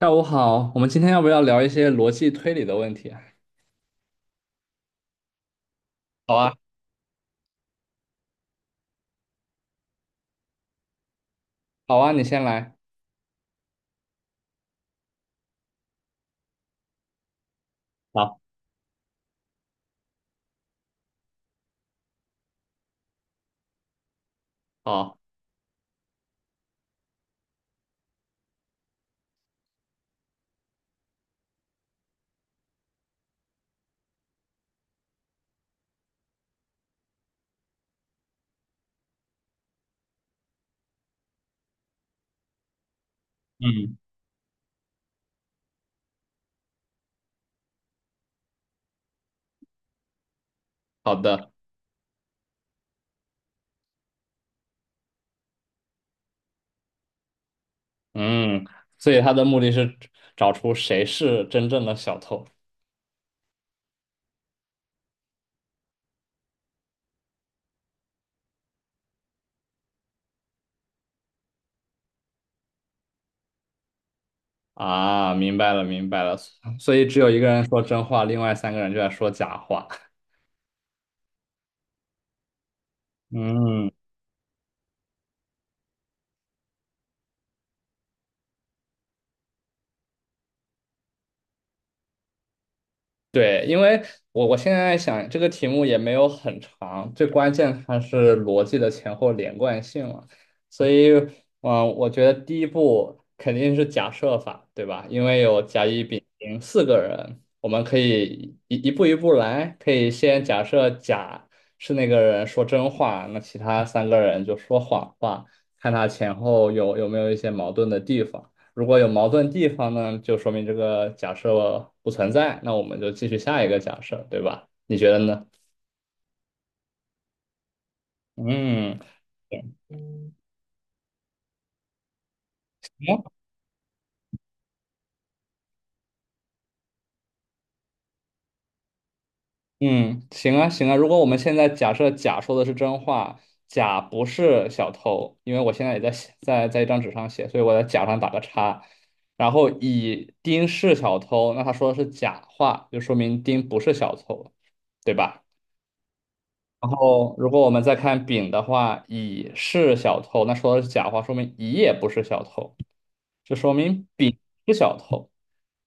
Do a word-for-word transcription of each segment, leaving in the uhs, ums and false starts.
下午好，我们今天要不要聊一些逻辑推理的问题啊。好啊。好啊，你先来。好。好。嗯。好的。嗯。所以他的目的是找出谁是真正的小偷。啊，明白了，明白了。所以只有一个人说真话，另外三个人就在说假话。嗯，对，因为我我现在想这个题目也没有很长，最关键它是逻辑的前后连贯性了，所以嗯，呃我觉得第一步肯定是假设法，对吧？因为有甲乙丙丁四个人，我们可以一一步一步来，可以先假设甲是那个人说真话，那其他三个人就说谎话，看他前后有有没有一些矛盾的地方。如果有矛盾地方呢，就说明这个假设不存在，那我们就继续下一个假设，对吧？你觉得呢？嗯，行嗯，行啊，行啊。如果我们现在假设甲说的是真话，甲不是小偷，因为我现在也在写，在在一张纸上写，所以我在甲上打个叉。然后乙丁是小偷，那他说的是假话，就说明丁不是小偷，对吧？然后，如果我们再看丙的话，乙是小偷，那说的是假话，说明乙也不是小偷，就说明丙是小偷。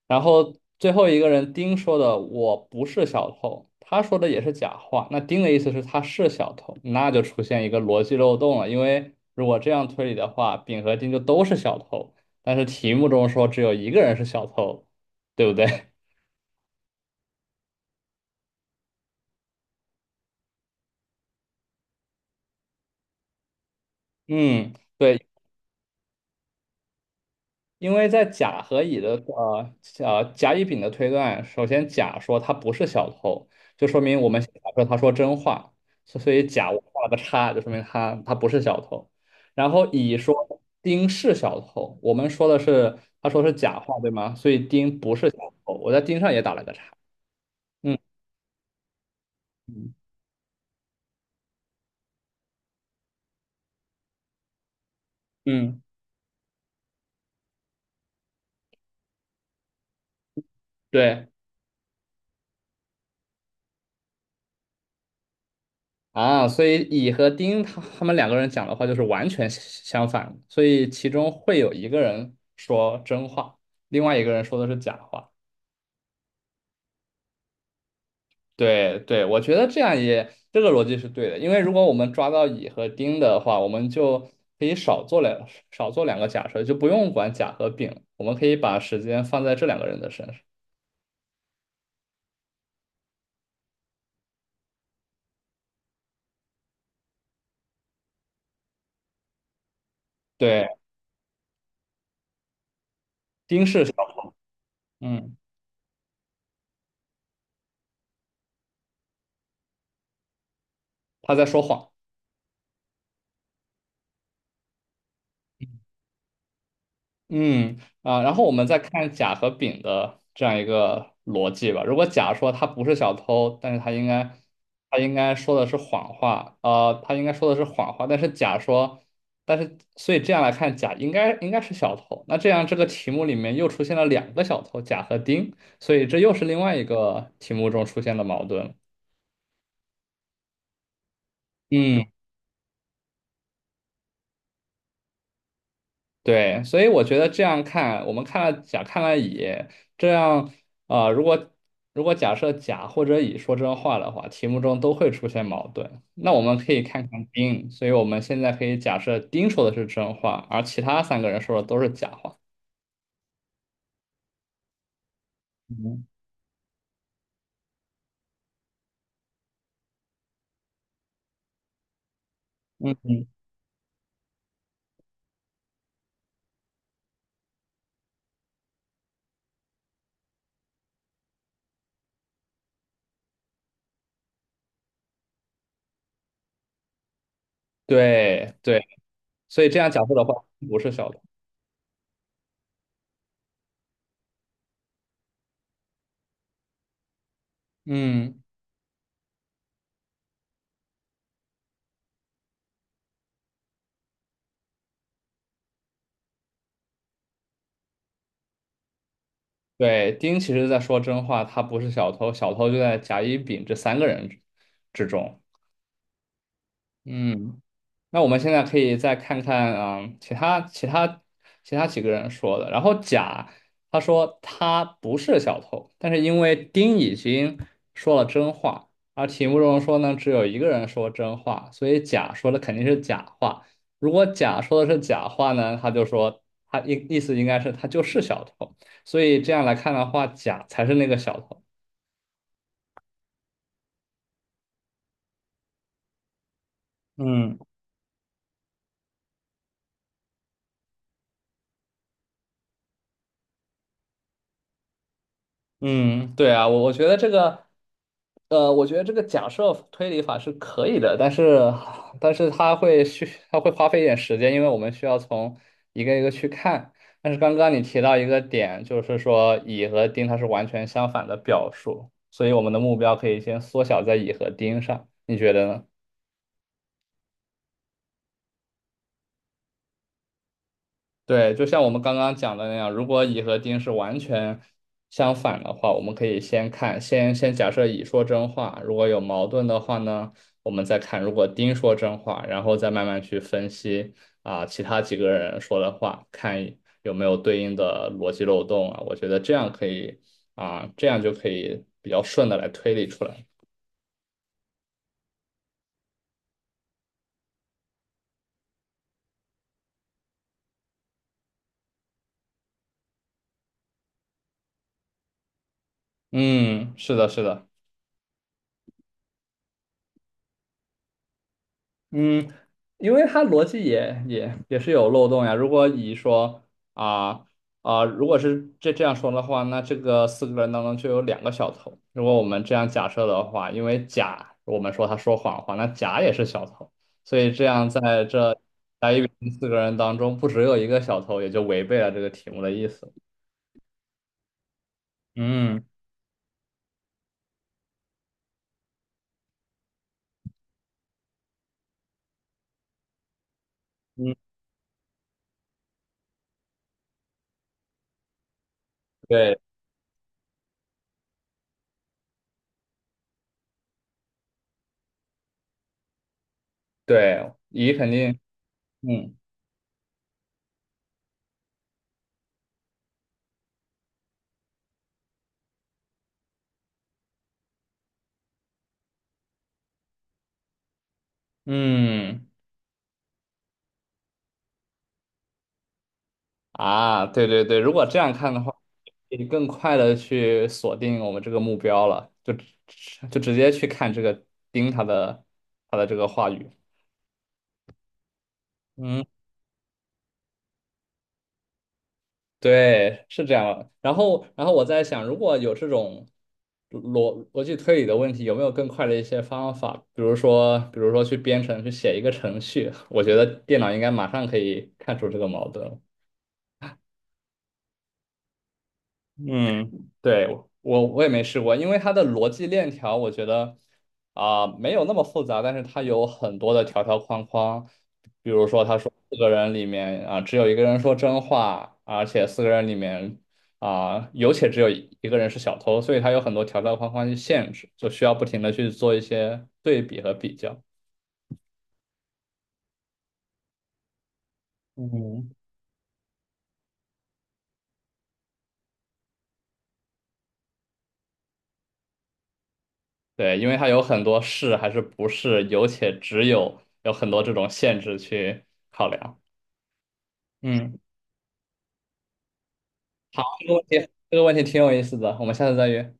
然后最后一个人丁说的我不是小偷，他说的也是假话，那丁的意思是他是小偷，那就出现一个逻辑漏洞了。因为如果这样推理的话，丙和丁就都是小偷，但是题目中说只有一个人是小偷，对不对？嗯，对，因为在甲和乙的呃呃甲乙丙的推断，首先甲说他不是小偷，就说明我们先假设他说真话，所所以甲我画了个叉，就说明他他不是小偷。然后乙说丁是小偷，我们说的是他说是假话，对吗？所以丁不是小偷，我在丁上也打了个叉。嗯。嗯。嗯。对。啊，所以乙和丁他他们两个人讲的话就是完全相相反，所以其中会有一个人说真话，另外一个人说的是假话。对对，我觉得这样也这个逻辑是对的，因为如果我们抓到乙和丁的话，我们就可以少做两少做两个假设，就不用管甲和丙了。我们可以把时间放在这两个人的身上。对。丁是小嗯，他在说谎。嗯。啊，然后我们再看甲和丙的这样一个逻辑吧。如果甲说他不是小偷，但是他应该他应该说的是谎话，呃，他应该说的是谎话，但是甲说，但是所以这样来看，甲应该应该是小偷。那这样这个题目里面又出现了两个小偷，甲和丁，所以这又是另外一个题目中出现的矛盾了。嗯。对，所以我觉得这样看，我们看了甲，看了乙，这样啊、呃如果如果假设甲或者乙说真话的话，题目中都会出现矛盾。那我们可以看看丁，所以我们现在可以假设丁说的是真话，而其他三个人说的都是假话。嗯。嗯。嗯。对对，所以这样假设的话，不是小偷。嗯，对，丁其实在说真话，他不是小偷，小偷就在甲、乙、丙这三个人之之中。嗯。那我们现在可以再看看，嗯，其他其他其他几个人说的。然后甲他说他不是小偷，但是因为丁已经说了真话，而题目中说呢只有一个人说真话，所以甲说的肯定是假话。如果甲说的是假话呢，他就说他意意思应该是他就是小偷，所以这样来看的话，甲才是那个小偷。嗯。嗯，对啊，我我觉得这个，呃，我觉得这个假设推理法是可以的，但是，但是它会需，它会花费一点时间，因为我们需要从一个一个去看。但是刚刚你提到一个点，就是说乙和丁它是完全相反的表述，所以我们的目标可以先缩小在乙和丁上，你觉得呢？对，就像我们刚刚讲的那样，如果乙和丁是完全相反的话，我们可以先看，先先假设乙说真话，如果有矛盾的话呢，我们再看如果丁说真话，然后再慢慢去分析啊，其他几个人说的话，看有没有对应的逻辑漏洞啊。我觉得这样可以啊，这样就可以比较顺的来推理出来。嗯，是的，是的。嗯，因为它逻辑也也也是有漏洞呀。如果乙说啊啊、如果是这这样说的话，那这个四个人当中就有两个小偷。如果我们这样假设的话，因为甲我们说他说谎话，那甲也是小偷，所以这样在这甲乙丙丁四个人当中，不只有一个小偷，也就违背了这个题目的意思。嗯。嗯。对对，乙肯定。嗯。嗯。啊，对对对，如果这样看的话，可以更快的去锁定我们这个目标了，就直就直接去看这个盯它的它的这个话语。嗯，对，是这样的。然后，然后我在想，如果有这种逻逻辑推理的问题，有没有更快的一些方法？比如说，比如说去编程，去写一个程序，我觉得电脑应该马上可以看出这个矛盾。嗯，对，我我也没试过，因为它的逻辑链条，我觉得啊、没有那么复杂，但是它有很多的条条框框，比如说他说四个人里面啊、只有一个人说真话，而且四个人里面啊、有且只有一一个人是小偷，所以它有很多条条框框去限制，就需要不停的去做一些对比和比较。嗯，对，因为它有很多是还是不是，有且只有有很多这种限制去考量。嗯。好，这个问题这个问题挺有意思的，我们下次再约。